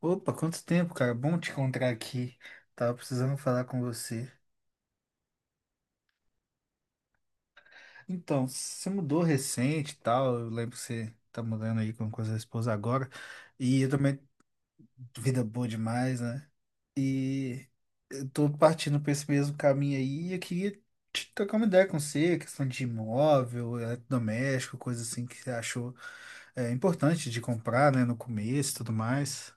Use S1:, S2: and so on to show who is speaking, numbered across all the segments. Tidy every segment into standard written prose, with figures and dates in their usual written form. S1: Opa, quanto tempo, cara? Bom te encontrar aqui. Tava precisando falar com você. Então, você mudou recente e tal. Eu lembro que você tá mudando aí com a sua esposa agora. E eu também, vida boa demais, né? E eu tô partindo pra esse mesmo caminho aí. E eu queria te trocar uma ideia com você, questão de imóvel, eletrodoméstico, coisa assim que você achou importante de comprar, né? No começo e tudo mais.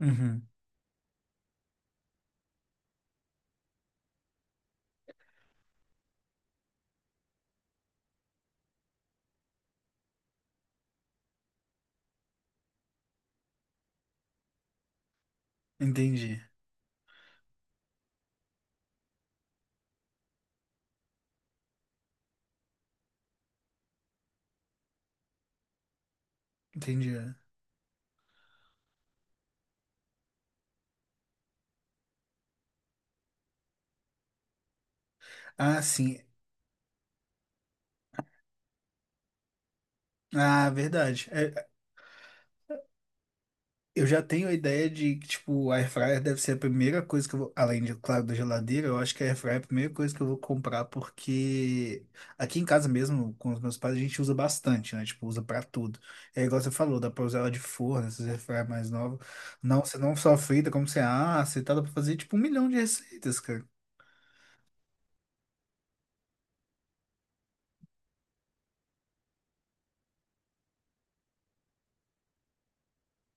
S1: Uhum. Entendi, entendi. Ah, sim. Ah, verdade. É, eu já tenho a ideia de que, tipo, a airfryer deve ser a primeira coisa que eu vou, além de, claro, da geladeira, eu acho que a airfryer é a primeira coisa que eu vou comprar porque aqui em casa mesmo, com os meus pais, a gente usa bastante, né? Tipo, usa pra tudo. É igual você falou, dá pra usar ela de forno, essas airfryer mais novas. Não, você não só frita como você assa e tal, dá pra fazer, tipo, um milhão de receitas, cara.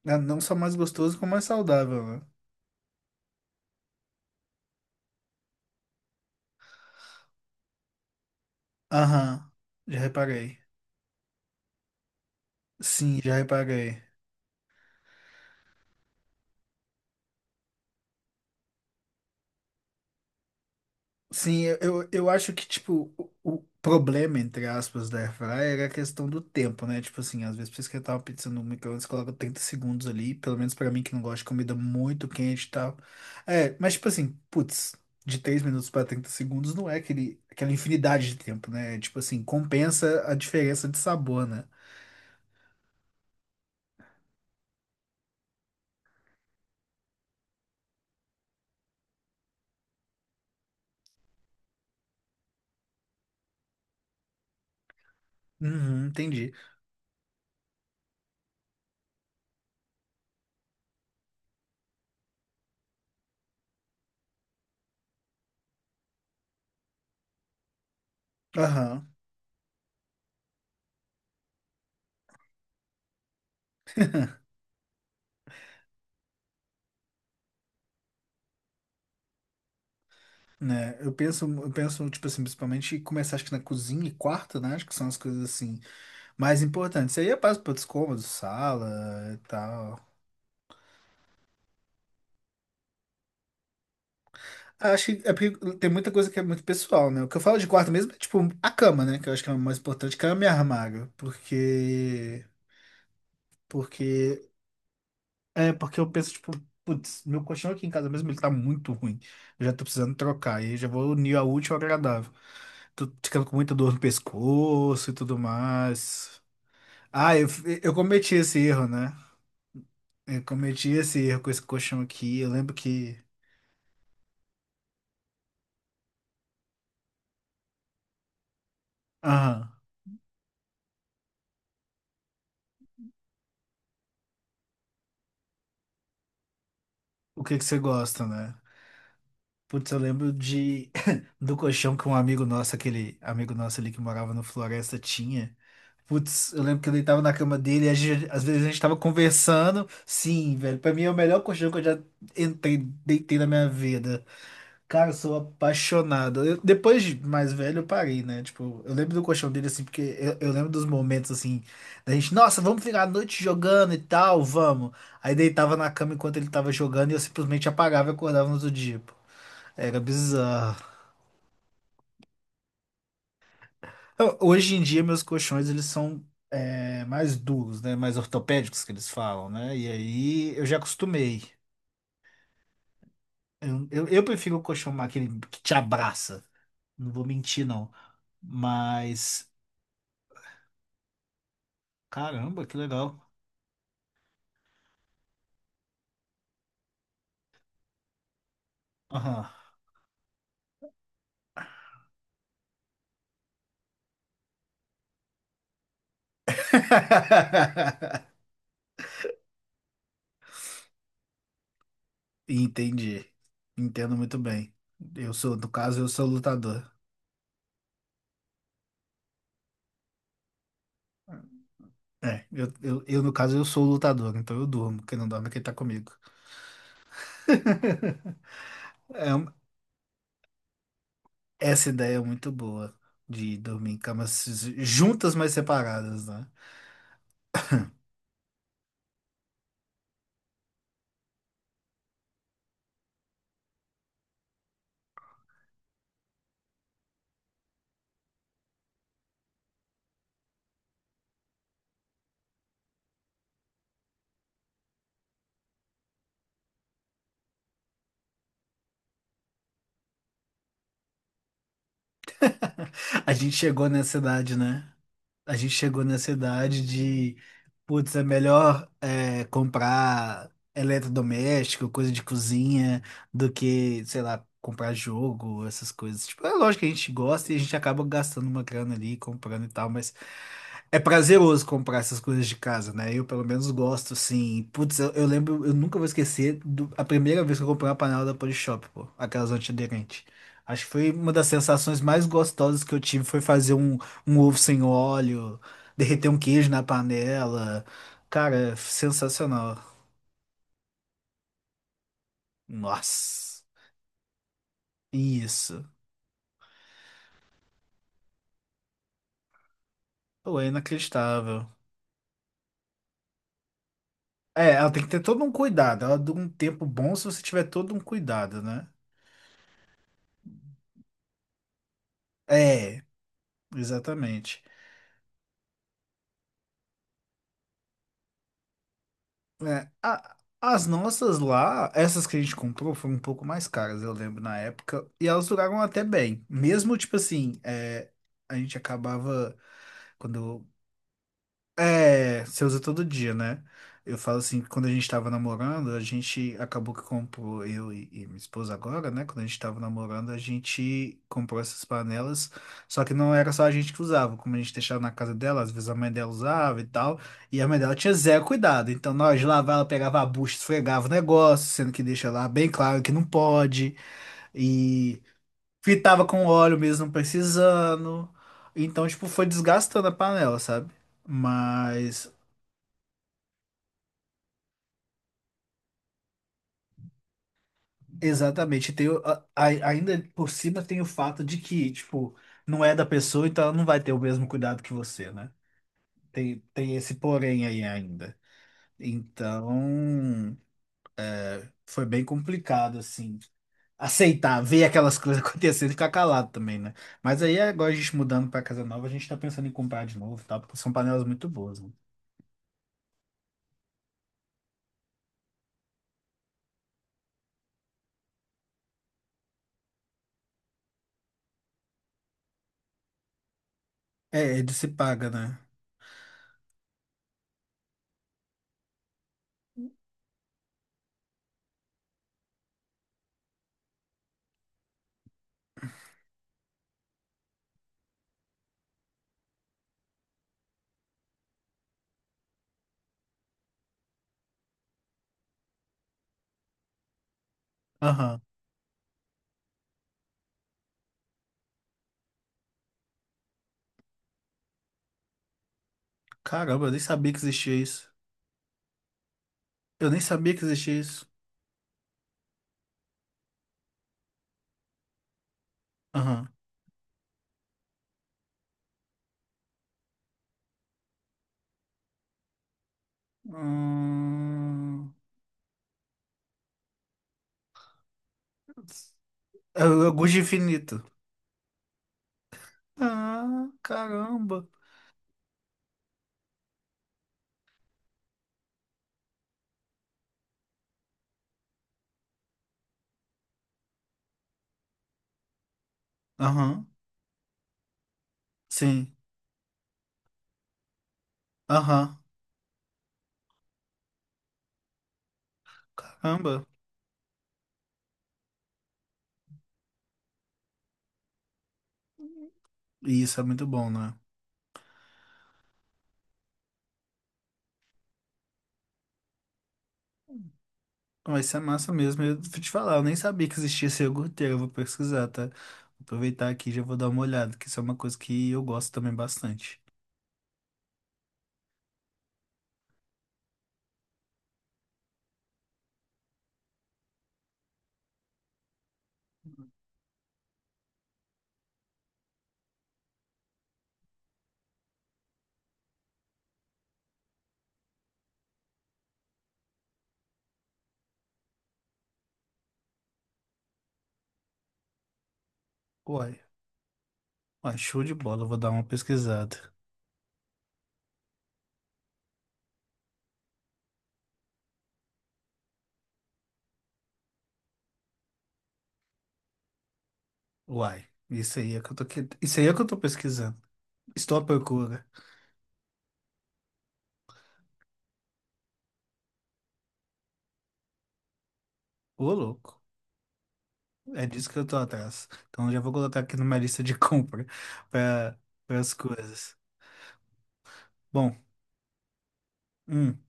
S1: Não só mais gostoso, como mais saudável, né? Aham, já reparei. Sim, já reparei. Sim, eu acho que, tipo, o problema, entre aspas, da airfryer é a questão do tempo, né? Tipo assim, às vezes pra esquentar uma pizza no micro-ondas, coloca 30 segundos ali, pelo menos pra mim que não gosta de comida muito quente e tal. É, mas tipo assim, putz, de 3 minutos pra 30 segundos não é aquela infinidade de tempo, né? É, tipo assim, compensa a diferença de sabor, né? Uhum, entendi. Aham. Né, eu penso, tipo assim, principalmente começar acho que na cozinha e quarto, né? Acho que são as coisas assim. Mais importante. Isso aí é para outros cômodos, sala e tal. Acho que é porque tem muita coisa que é muito pessoal, né? O que eu falo de quarto mesmo é tipo a cama, né? Que eu acho que é o mais importante, cama e armário. Porque. Porque. É, porque eu penso, tipo, putz, meu colchão aqui em casa mesmo, ele tá muito ruim. Eu já tô precisando trocar. E eu já vou unir a útil ao agradável. Tô ficando com muita dor no pescoço e tudo mais. Ah, eu, eu cometi esse erro, né? Eu cometi esse erro com esse colchão aqui. Eu lembro que. Aham. O que que você gosta, né? Putz, eu lembro de do colchão que um amigo nosso, aquele amigo nosso ali que morava no Floresta, tinha. Putz, eu lembro que eu deitava na cama dele e a gente- às vezes a gente tava conversando. Sim, velho, pra mim é o melhor colchão que eu já entrei, deitei na minha vida. Cara, eu sou apaixonado. Eu- depois de mais velho, eu parei, né? Tipo, eu lembro do colchão dele, assim, porque eu lembro dos momentos, assim, da gente, nossa, vamos virar a noite jogando e tal, vamos. Aí deitava na cama enquanto ele tava jogando e eu simplesmente apagava e acordava no outro dia, pô. Era bizarro. Eu- hoje em dia, meus colchões, eles são, é, mais duros, né? Mais ortopédicos, que eles falam, né? E aí, eu já acostumei. Eu prefiro o colchão aquele que te abraça. Não vou mentir, não. Mas. Caramba, que legal. Aham. Entendi. Entendo muito bem. Eu sou, no caso, eu sou lutador. É, no caso, eu sou o lutador, então eu durmo. Quem não dorme é quem tá comigo. É um- essa ideia é muito boa. De dormir em camas juntas, mas separadas, né? A gente chegou nessa idade, né? A gente chegou nessa idade de, putz, é melhor é, comprar eletrodoméstico, coisa de cozinha, do que, sei lá, comprar jogo, essas coisas. Tipo, é lógico que a gente gosta e a gente acaba gastando uma grana ali, comprando e tal, mas é prazeroso comprar essas coisas de casa, né? Eu, pelo menos, gosto, assim. Putz, eu lembro, eu nunca vou esquecer do- a primeira vez que eu comprei uma panela da Polishop, pô, aquelas antiaderentes. Acho que foi uma das sensações mais gostosas que eu tive foi fazer um ovo sem óleo, derreter um queijo na panela. Cara, sensacional. Nossa, isso. Pô, é inacreditável. É, ela tem que ter todo um cuidado. Ela dura um tempo bom se você tiver todo um cuidado, né? É, exatamente. É, a- as nossas lá, essas que a gente comprou, foram um pouco mais caras, eu lembro, na época. E elas duraram até bem. Mesmo, tipo assim, é, a gente acabava. Quando É, você usa todo dia, né? Eu falo assim, que quando a gente tava namorando, a gente acabou que comprou, eu e minha esposa agora, né? Quando a gente tava namorando, a gente comprou essas panelas, só que não era só a gente que usava, como a gente deixava na casa dela, às vezes a mãe dela usava e tal, e a mãe dela tinha zero cuidado, então nós lavava, ela pegava a bucha, esfregava o negócio, sendo que deixa lá bem claro que não pode, e fritava com óleo mesmo não precisando, então, tipo, foi desgastando a panela, sabe? Mas exatamente. Tem, ainda por cima tem o fato de que, tipo, não é da pessoa, então ela não vai ter o mesmo cuidado que você, né? Tem, tem esse porém aí ainda. Então, foi bem complicado, assim, aceitar, ver aquelas coisas acontecendo e ficar calado também, né? Mas aí, agora a gente mudando pra casa nova, a gente tá pensando em comprar de novo, tá? Porque são panelas muito boas, né? É, ele se paga, né? Aham. Caramba, eu nem sabia que existia isso. Eu nem sabia que existia isso. Aham. Hum. É o Gude Infinito. Ah, caramba. Aham, sim. Aham, caramba. E isso é muito bom, né? Mas isso é massa mesmo. Eu vou te falar, eu nem sabia que existia esse iogurteiro. Eu vou pesquisar, tá? Vou aproveitar aqui e já vou dar uma olhada, que isso é uma coisa que eu gosto também bastante. Uai, uai, show de bola. Eu vou dar uma pesquisada. Uai, isso aí é que eu tô, que... isso aí é que eu tô pesquisando. Estou à procura. Ô, louco. É disso que eu tô atrás. Então já vou colocar aqui na minha lista de compra para as coisas. Bom, hum.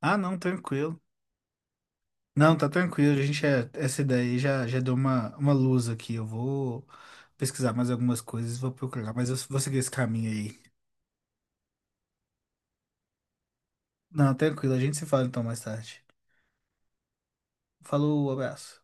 S1: Ah, não, tranquilo. Não, tá tranquilo. A gente é, essa daí já, já deu uma luz aqui. Eu vou pesquisar mais algumas coisas, vou procurar, mas eu vou seguir esse caminho aí. Não, tranquilo. A gente se fala então mais tarde. Falou, abraço.